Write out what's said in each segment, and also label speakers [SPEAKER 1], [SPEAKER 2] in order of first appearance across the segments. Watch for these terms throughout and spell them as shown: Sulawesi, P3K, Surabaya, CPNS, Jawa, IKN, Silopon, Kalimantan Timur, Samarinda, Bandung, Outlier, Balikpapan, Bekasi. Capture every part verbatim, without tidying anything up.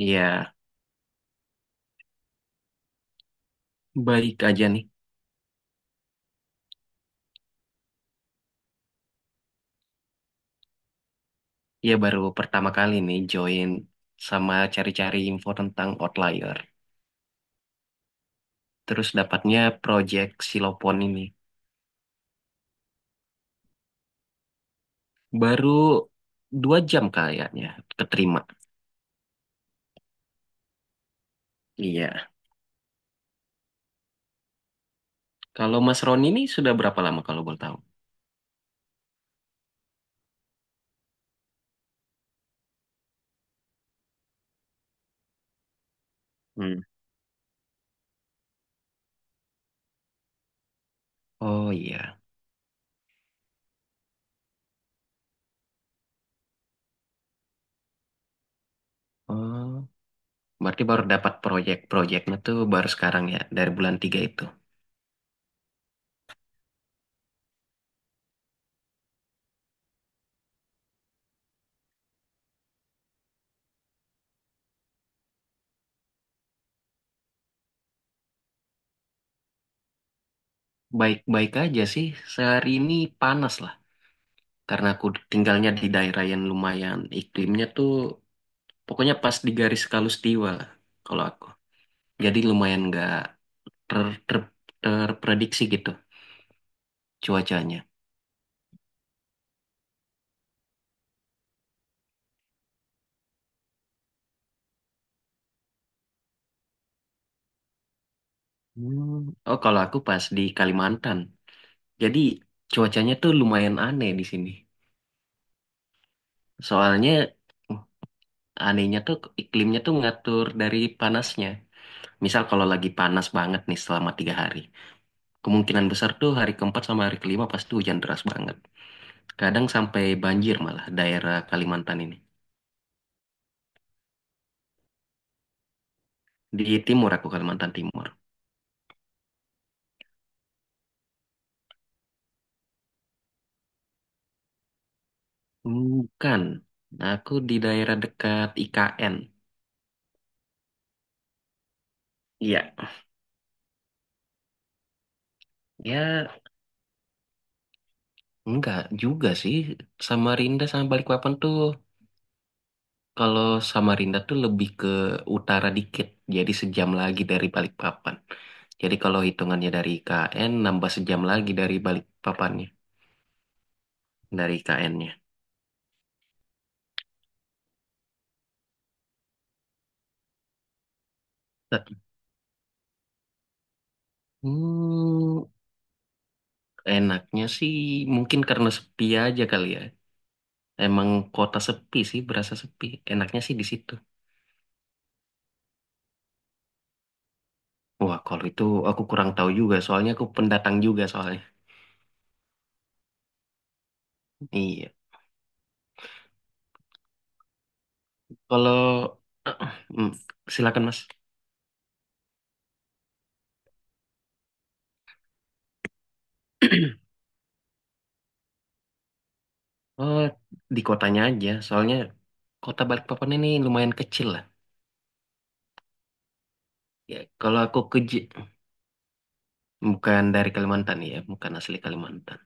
[SPEAKER 1] Iya, baik aja nih. Iya, baru pertama kali nih join sama cari-cari info tentang Outlier. Terus dapatnya project Silopon ini. Baru dua jam kayaknya keterima. Iya. Kalau Mas Roni ini sudah berapa lama kalau boleh tahu? Hmm. Oh iya. Oh, berarti baru dapat proyek-proyeknya tuh baru sekarang ya, dari bulan tiga itu. Baik-baik aja sih. Sehari ini panas lah. Karena aku tinggalnya di daerah yang lumayan iklimnya tuh pokoknya pas di garis Kalustiwa lah kalau aku. Jadi lumayan nggak ter- ter- terprediksi gitu cuacanya. Hmm. Oh, kalau aku pas di Kalimantan. Jadi cuacanya tuh lumayan aneh di sini. Soalnya uh, anehnya tuh iklimnya tuh ngatur dari panasnya. Misal kalau lagi panas banget nih selama tiga hari. Kemungkinan besar tuh hari keempat sama hari kelima pasti hujan deras banget. Kadang sampai banjir malah daerah Kalimantan ini. Di timur aku Kalimantan Timur. Bukan. Aku di daerah dekat I K N. Iya. Ya, enggak juga sih. Samarinda sama Balikpapan tuh, kalau Samarinda tuh lebih ke utara dikit. Jadi sejam lagi dari Balikpapan. Jadi kalau hitungannya dari I K N, nambah sejam lagi dari Balikpapannya. Dari I K N-nya. Hmm, Enaknya sih mungkin karena sepi aja kali ya. Emang kota sepi sih, berasa sepi. Enaknya sih di situ. Wah, kalau itu aku kurang tahu juga, soalnya aku pendatang juga soalnya. Iya. Kalau Hmm, silakan Mas. Oh, di kotanya aja, soalnya kota Balikpapan ini lumayan kecil lah. Ya, kalau aku ke J- bukan dari Kalimantan ya, bukan asli Kalimantan.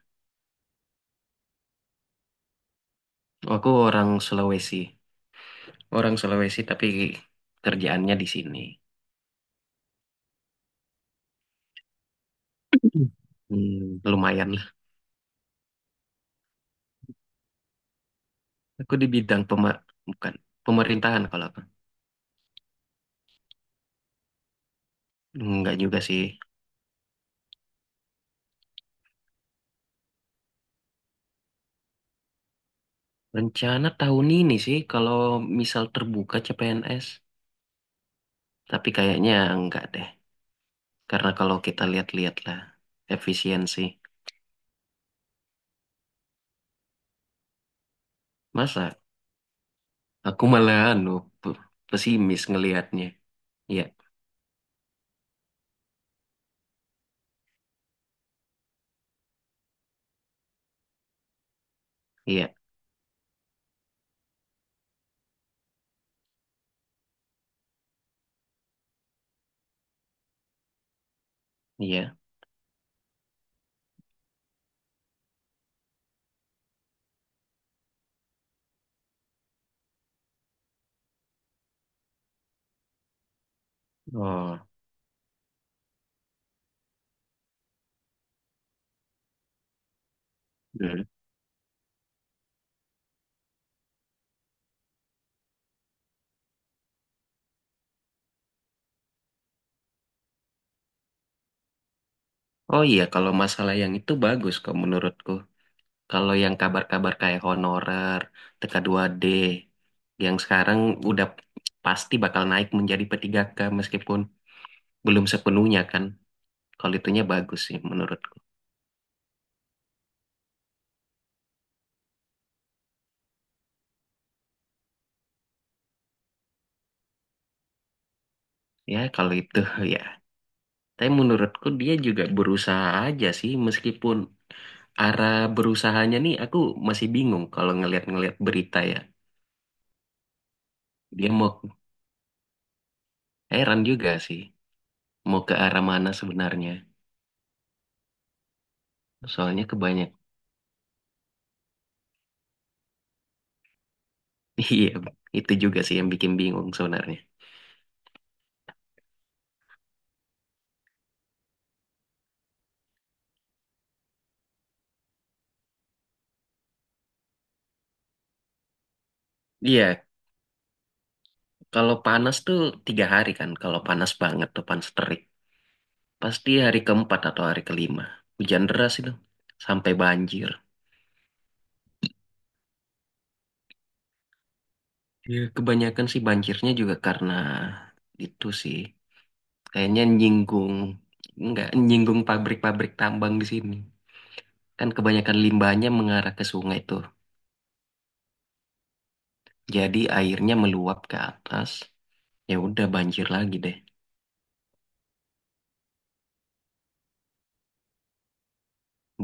[SPEAKER 1] Aku orang Sulawesi, orang Sulawesi tapi kerjaannya di sini. Hmm, lumayan lah. Aku di bidang pema bukan pemerintahan kalau aku. Enggak juga sih. Rencana tahun ini sih kalau misal terbuka C P N S, tapi kayaknya enggak deh. Karena kalau kita lihat-lihat lah efisiensi. Masa aku malah anu pe- pesimis ngelihatnya. Iya, iya, iya. Oh. Hmm. Oh iya, kalau masalah yang itu bagus kok menurutku. Kalau yang kabar-kabar kayak honorer, tk dua d yang sekarang udah pasti bakal naik menjadi P tiga K meskipun belum sepenuhnya kan. Kalau itunya bagus sih menurutku. Ya, kalau itu ya. Tapi menurutku dia juga berusaha aja sih meskipun arah berusahanya nih aku masih bingung kalau ngeliat-ngeliat berita ya. Dia mau Heran juga sih mau ke arah mana sebenarnya. Soalnya kebanyak. Iya, itu juga sih yang bikin bingung sebenarnya. Iya, kalau panas tuh tiga hari kan. Kalau panas banget tuh panas terik. Pasti hari keempat atau hari kelima. Hujan deras itu sampai banjir. Ya, kebanyakan sih banjirnya juga karena itu sih. Kayaknya nyinggung, nggak nyinggung pabrik-pabrik tambang di sini. Kan kebanyakan limbahnya mengarah ke sungai tuh. Jadi airnya meluap ke atas. Ya udah banjir lagi deh.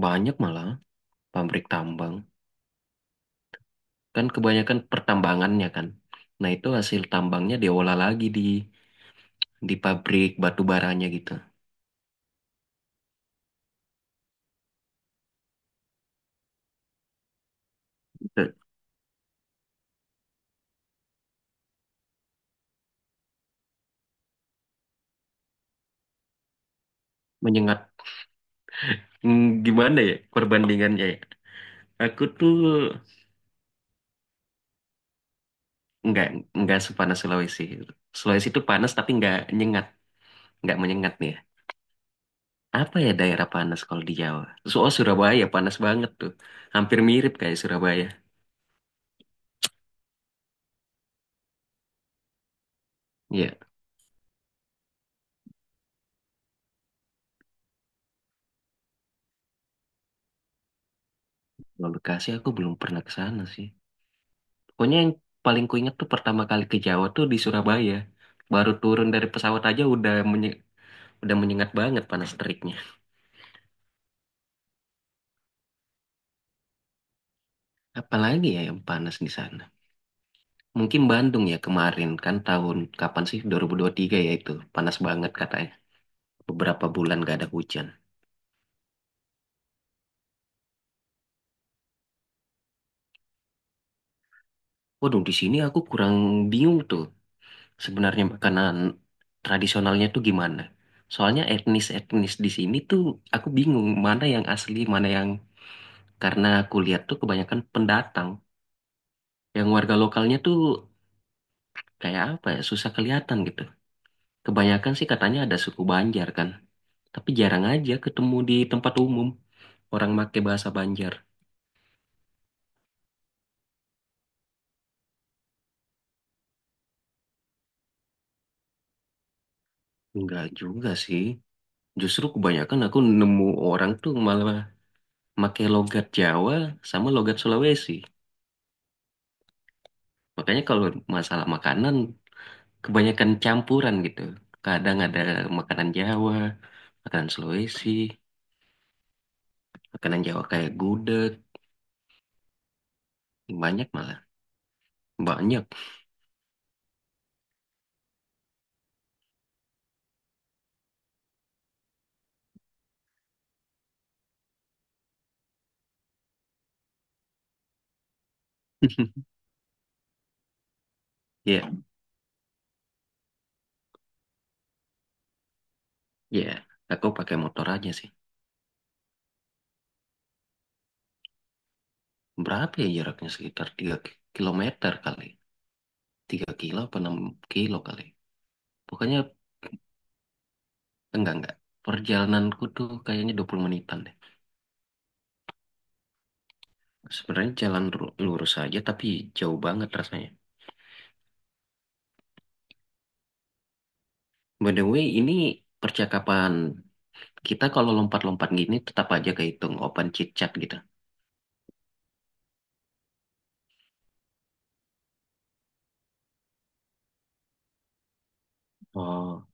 [SPEAKER 1] Banyak malah pabrik tambang. Kan kebanyakan pertambangannya kan. Nah itu hasil tambangnya diolah lagi di di pabrik batu baranya gitu. Menyengat, Hmm, gimana ya perbandingannya ya? Aku tuh nggak nggak sepanas Sulawesi. Sulawesi itu panas tapi nggak nyengat, nggak menyengat nih ya. Apa ya daerah panas kalau di Jawa? Soal Surabaya panas banget tuh, hampir mirip kayak Surabaya. Iya, kalau Bekasi aku belum pernah ke sana sih. Pokoknya yang paling kuingat tuh pertama kali ke Jawa tuh di Surabaya. Baru turun dari pesawat aja udah menye- udah menyengat banget panas teriknya. Apalagi ya yang panas di sana. Mungkin Bandung ya kemarin kan tahun kapan sih dua ribu dua ribu tiga ya itu panas banget katanya. Beberapa bulan gak ada hujan. Waduh, di sini aku kurang bingung tuh sebenarnya makanan tradisionalnya tuh gimana. Soalnya etnis-etnis di sini tuh aku bingung mana yang asli, mana yang karena aku lihat tuh kebanyakan pendatang. Yang warga lokalnya tuh kayak apa ya, susah kelihatan gitu. Kebanyakan sih katanya ada suku Banjar kan, tapi jarang aja ketemu di tempat umum orang make bahasa Banjar. Enggak juga sih. Justru kebanyakan aku nemu orang tuh malah pakai logat Jawa sama logat Sulawesi. Makanya kalau masalah makanan kebanyakan campuran gitu. Kadang ada makanan Jawa, makanan Sulawesi, makanan Jawa kayak gudeg, banyak malah. Banyak. Ya, ya. Aku pakai motor aja sih. Berapa ya jaraknya sekitar tiga ki- kilometer kali. Tiga kilo apa enam kilo kali. Pokoknya enggak enggak. Perjalananku tuh kayaknya dua puluh menitan deh. Sebenarnya jalan ru- lurus aja tapi jauh banget rasanya. By the way, ini percakapan kita kalau lompat-lompat gini tetap aja kehitung open chit chat gitu. Oh,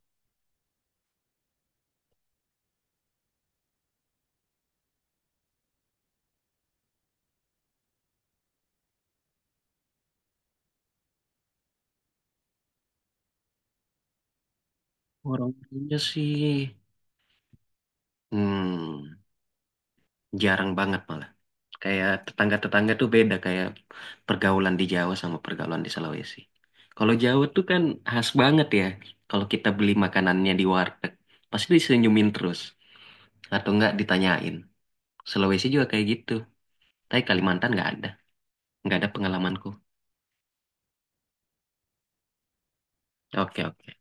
[SPEAKER 1] orangnya sih hmm, jarang banget malah. Kayak tetangga-tetangga tuh beda kayak pergaulan di Jawa sama pergaulan di Sulawesi. Kalau Jawa tuh kan khas banget ya. Kalau kita beli makanannya di warteg, pasti disenyumin terus atau enggak ditanyain. Sulawesi juga kayak gitu. Tapi Kalimantan nggak ada, nggak ada pengalamanku. Oke, oke.